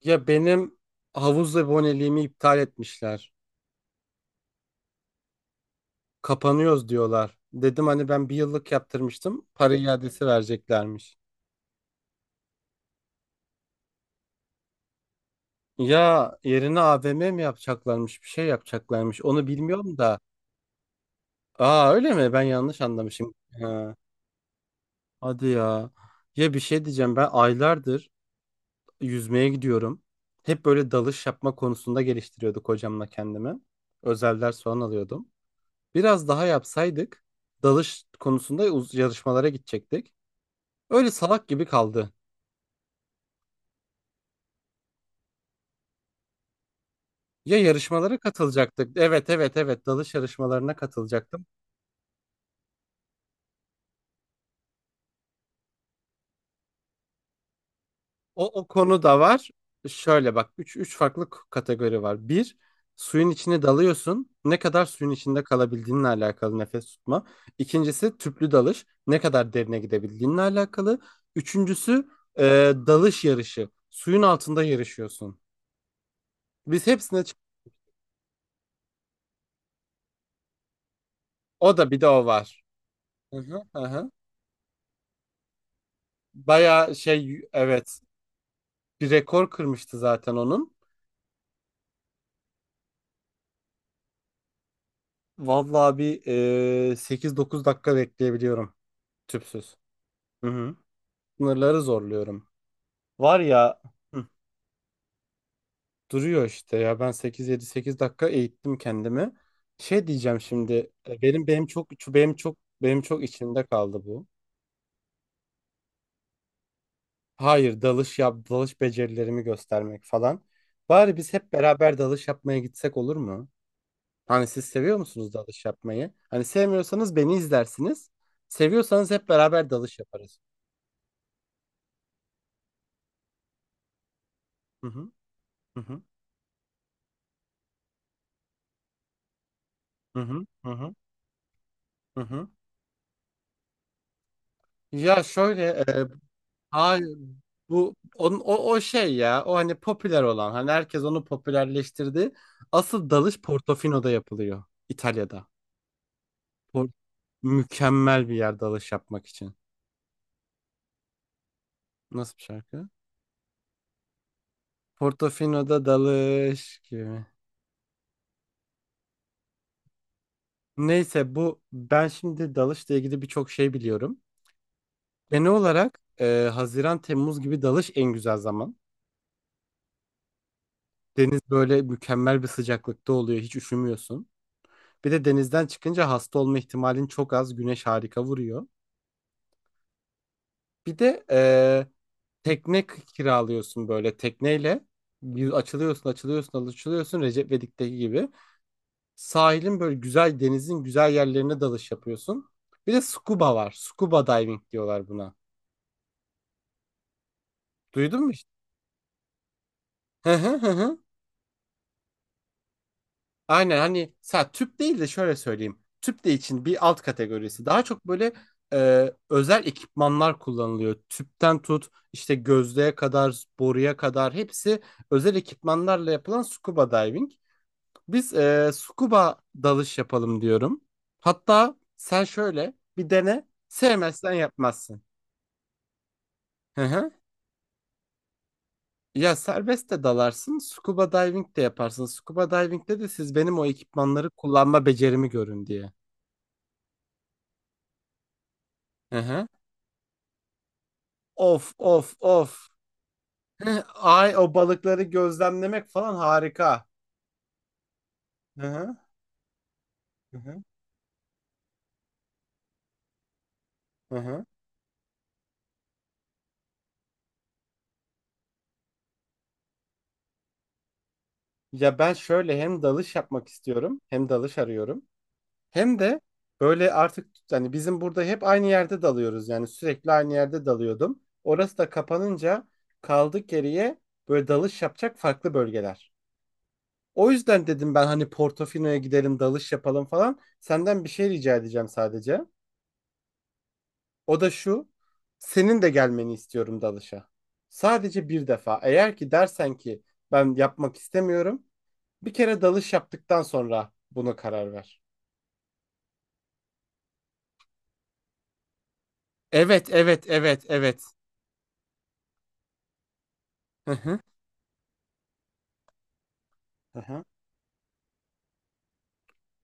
Ya benim havuz aboneliğimi iptal etmişler. Kapanıyoruz diyorlar. Dedim hani ben bir yıllık yaptırmıştım. Para iadesi vereceklermiş. Ya yerine AVM mi yapacaklarmış? Bir şey yapacaklarmış. Onu bilmiyorum da. Aa öyle mi? Ben yanlış anlamışım. Ha, hadi ya. Ya bir şey diyeceğim. Ben aylardır yüzmeye gidiyorum. Hep böyle dalış yapma konusunda geliştiriyorduk hocamla kendimi. Özel ders falan alıyordum. Biraz daha yapsaydık dalış konusunda yarışmalara gidecektik. Öyle salak gibi kaldı. Ya yarışmalara katılacaktık. Evet evet evet, dalış yarışmalarına katılacaktım. O konu da var. Şöyle bak, üç farklı kategori var. Bir, suyun içine dalıyorsun. Ne kadar suyun içinde kalabildiğinle alakalı, nefes tutma. İkincisi tüplü dalış. Ne kadar derine gidebildiğinle alakalı. Üçüncüsü e, dalış yarışı. Suyun altında yarışıyorsun. Biz hepsine o da, bir de o var. Hı hı, hı hı. Bayağı şey, evet, bir rekor kırmıştı zaten onun. Vallahi bir 8-9 dakika bekleyebiliyorum tüpsüz. Hı hı. Sınırları zorluyorum. Var ya. Hı, duruyor işte ya, ben sekiz yedi sekiz dakika eğittim kendimi. Şey diyeceğim şimdi, benim çok içimde kaldı bu. Hayır, dalış yap, dalış becerilerimi göstermek falan. Bari biz hep beraber dalış yapmaya gitsek olur mu? Hani siz seviyor musunuz dalış yapmayı? Hani sevmiyorsanız beni izlersiniz. Seviyorsanız hep beraber dalış yaparız. Hı hı hı hı hı hı hı hı. Hı hı. Ya şöyle hayır, bu onun, o şey ya, o hani popüler olan, hani herkes onu popülerleştirdi. Asıl dalış Portofino'da yapılıyor, İtalya'da. Por- mükemmel bir yer dalış yapmak için. Nasıl bir şarkı? Portofino'da dalış gibi. Neyse, bu ben şimdi dalışla ilgili birçok şey biliyorum. Genel olarak Haziran Temmuz gibi dalış en güzel zaman. Deniz böyle mükemmel bir sıcaklıkta oluyor. Hiç üşümüyorsun. Bir de denizden çıkınca hasta olma ihtimalin çok az. Güneş harika vuruyor. Bir de tekne kiralıyorsun, böyle tekneyle. Bir açılıyorsun Recep İvedik'teki gibi. Sahilin böyle güzel, denizin güzel yerlerine dalış yapıyorsun. Bir de scuba var. Scuba diving diyorlar buna. Duydun mu işte? Aynen, hani sa tüp değil de şöyle söyleyeyim. Tüp de için bir alt kategorisi. Daha çok böyle özel ekipmanlar kullanılıyor. Tüpten tut, işte gözlüğe kadar, boruya kadar hepsi özel ekipmanlarla yapılan scuba diving. Biz scuba dalış yapalım diyorum. Hatta sen şöyle bir dene. Sevmezsen yapmazsın. Hı hı. Ya serbest de dalarsın, scuba diving de yaparsın. Scuba diving'de de siz benim o ekipmanları kullanma becerimi görün diye. Hı hı. Of of of. Heh, ay o balıkları gözlemlemek falan harika. Hı hı, hı hı, hı hı. Ya ben şöyle hem dalış yapmak istiyorum, hem dalış arıyorum. Hem de böyle artık, hani bizim burada hep aynı yerde dalıyoruz, yani sürekli aynı yerde dalıyordum. Orası da kapanınca kaldık geriye, böyle dalış yapacak farklı bölgeler. O yüzden dedim ben hani Portofino'ya gidelim dalış yapalım falan. Senden bir şey rica edeceğim sadece. O da şu. Senin de gelmeni istiyorum dalışa. Sadece bir defa. Eğer ki dersen ki ben yapmak istemiyorum, bir kere dalış yaptıktan sonra buna karar ver. Evet, evet, evet, evet. Hı hı. Hı hı.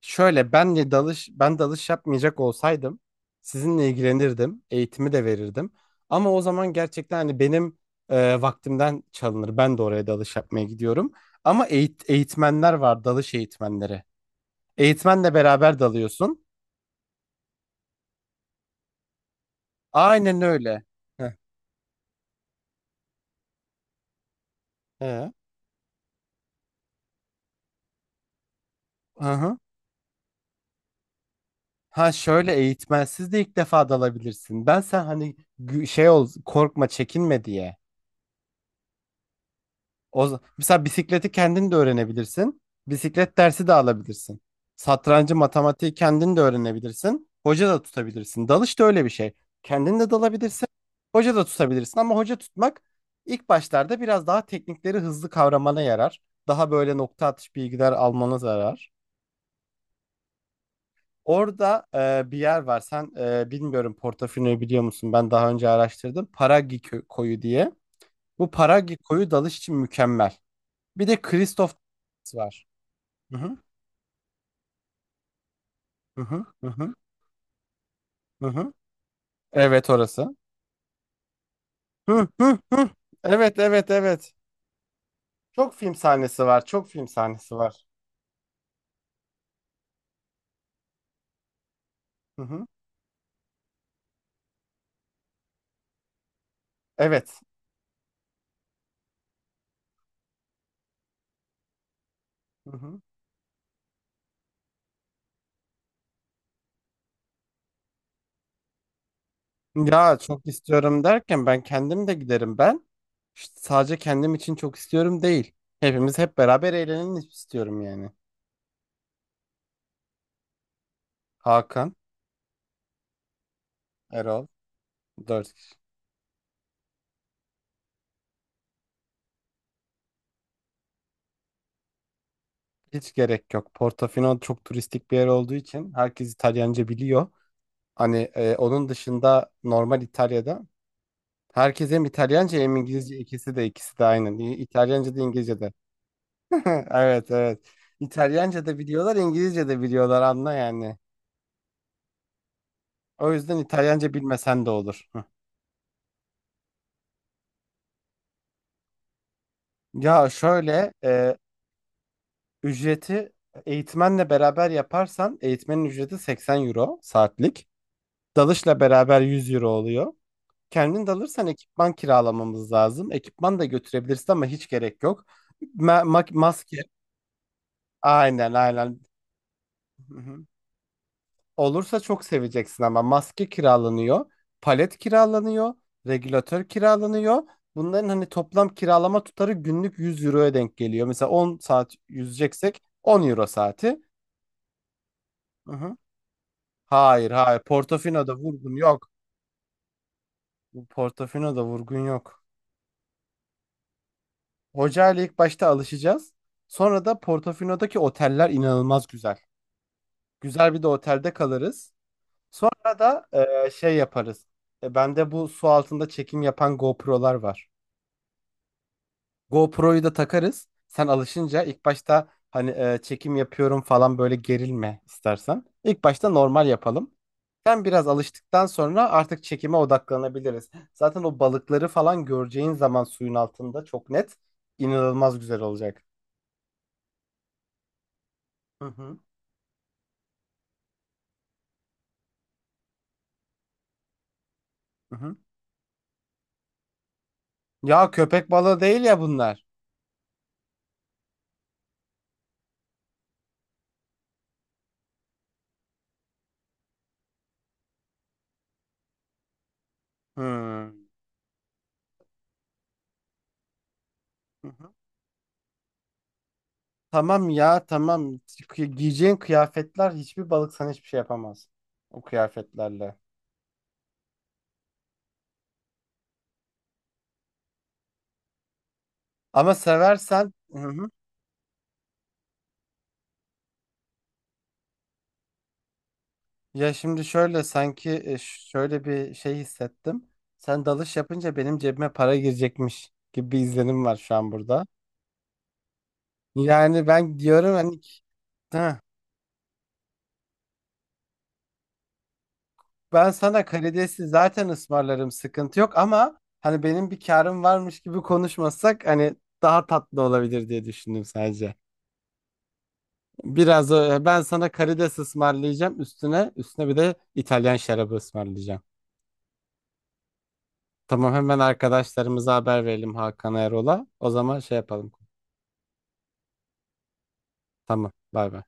Şöyle benle dalış, ben dalış yapmayacak olsaydım sizinle ilgilenirdim, eğitimi de verirdim. Ama o zaman gerçekten hani benim vaktimden çalınır. Ben de oraya dalış yapmaya gidiyorum. Ama eğitmenler var, dalış eğitmenleri. Eğitmenle beraber dalıyorsun. Aynen öyle. Heh, ee? Hı hı. Ha şöyle, eğitmensiz de ilk defa dalabilirsin. Ben sen hani şey ol, korkma çekinme diye. Mesela bisikleti kendin de öğrenebilirsin. Bisiklet dersi de alabilirsin. Satrancı, matematiği kendin de öğrenebilirsin. Hoca da tutabilirsin. Dalış da öyle bir şey. Kendin de dalabilirsin. Hoca da tutabilirsin, ama hoca tutmak ilk başlarda biraz daha teknikleri hızlı kavramana yarar. Daha böyle nokta atış bilgiler almana yarar. Orada bir yer var. Sen, bilmiyorum, Portofino'yu biliyor musun? Ben daha önce araştırdım. Paragi koyu diye. Bu Paragi koyu dalış için mükemmel. Bir de Kristof var. Hı hı hı hı hı hı. Hı hı. Evet, orası. Hı hı hı. Evet evet evet. Çok film sahnesi var. Çok film sahnesi var. Hı hı. Evet. Hı hı. Ya çok istiyorum derken ben kendim de giderim ben. İşte sadece kendim için çok istiyorum değil. Hepimiz hep beraber eğlenelim istiyorum yani. Hakan, Erol, dört kişi. Hiç gerek yok. Portofino çok turistik bir yer olduğu için herkes İtalyanca biliyor. Hani onun dışında normal İtalya'da herkes hem İtalyanca hem İngilizce, ikisi de aynı. İtalyanca da İngilizce de. Evet evet. İtalyanca da biliyorlar, İngilizce de biliyorlar, anla yani. O yüzden İtalyanca bilmesen de olur. Hı. Ya şöyle ücreti, eğitmenle beraber yaparsan eğitmenin ücreti 80 euro saatlik. Dalışla beraber 100 euro oluyor. Kendin dalırsan ekipman kiralamamız lazım. Ekipman da götürebilirsin ama hiç gerek yok. Maske aynen aynen. Hı hı. Olursa çok seveceksin, ama maske kiralanıyor. Palet kiralanıyor. Regülatör kiralanıyor. Bunların hani toplam kiralama tutarı günlük 100 euroya denk geliyor. Mesela 10 saat yüzeceksek 10 euro saati. Hı hı. Hayır hayır, Portofino'da vurgun yok. Portofino'da vurgun yok. Hoca ile ilk başta alışacağız. Sonra da Portofino'daki oteller inanılmaz güzel. Güzel bir de otelde kalırız. Sonra da şey yaparız. Bende bu su altında çekim yapan GoPro'lar var. GoPro'yu da takarız. Sen alışınca ilk başta hani çekim yapıyorum falan böyle gerilme istersen. İlk başta normal yapalım. Sen biraz alıştıktan sonra artık çekime odaklanabiliriz. Zaten o balıkları falan göreceğin zaman suyun altında çok net, inanılmaz güzel olacak. Hı hı. Hı hı. Ya köpek balığı değil ya bunlar. Hmm. Hı hı. Tamam ya, tamam. Giyeceğin kıyafetler, hiçbir balık sana hiçbir şey yapamaz. O kıyafetlerle. Ama seversen. Hı hı. Ya şimdi şöyle, sanki şöyle bir şey hissettim. Sen dalış yapınca benim cebime para girecekmiş gibi bir izlenim var şu an burada. Yani ben diyorum hani, ben sana karidesi zaten ısmarlarım, sıkıntı yok, ama hani benim bir karım varmış gibi konuşmasak, hani daha tatlı olabilir diye düşündüm sadece. Ben sana karides ısmarlayacağım, üstüne üstüne bir de İtalyan şarabı ısmarlayacağım. Tamam, hemen arkadaşlarımıza haber verelim, Hakan Erol'a. O zaman şey yapalım. Tamam, bay bay.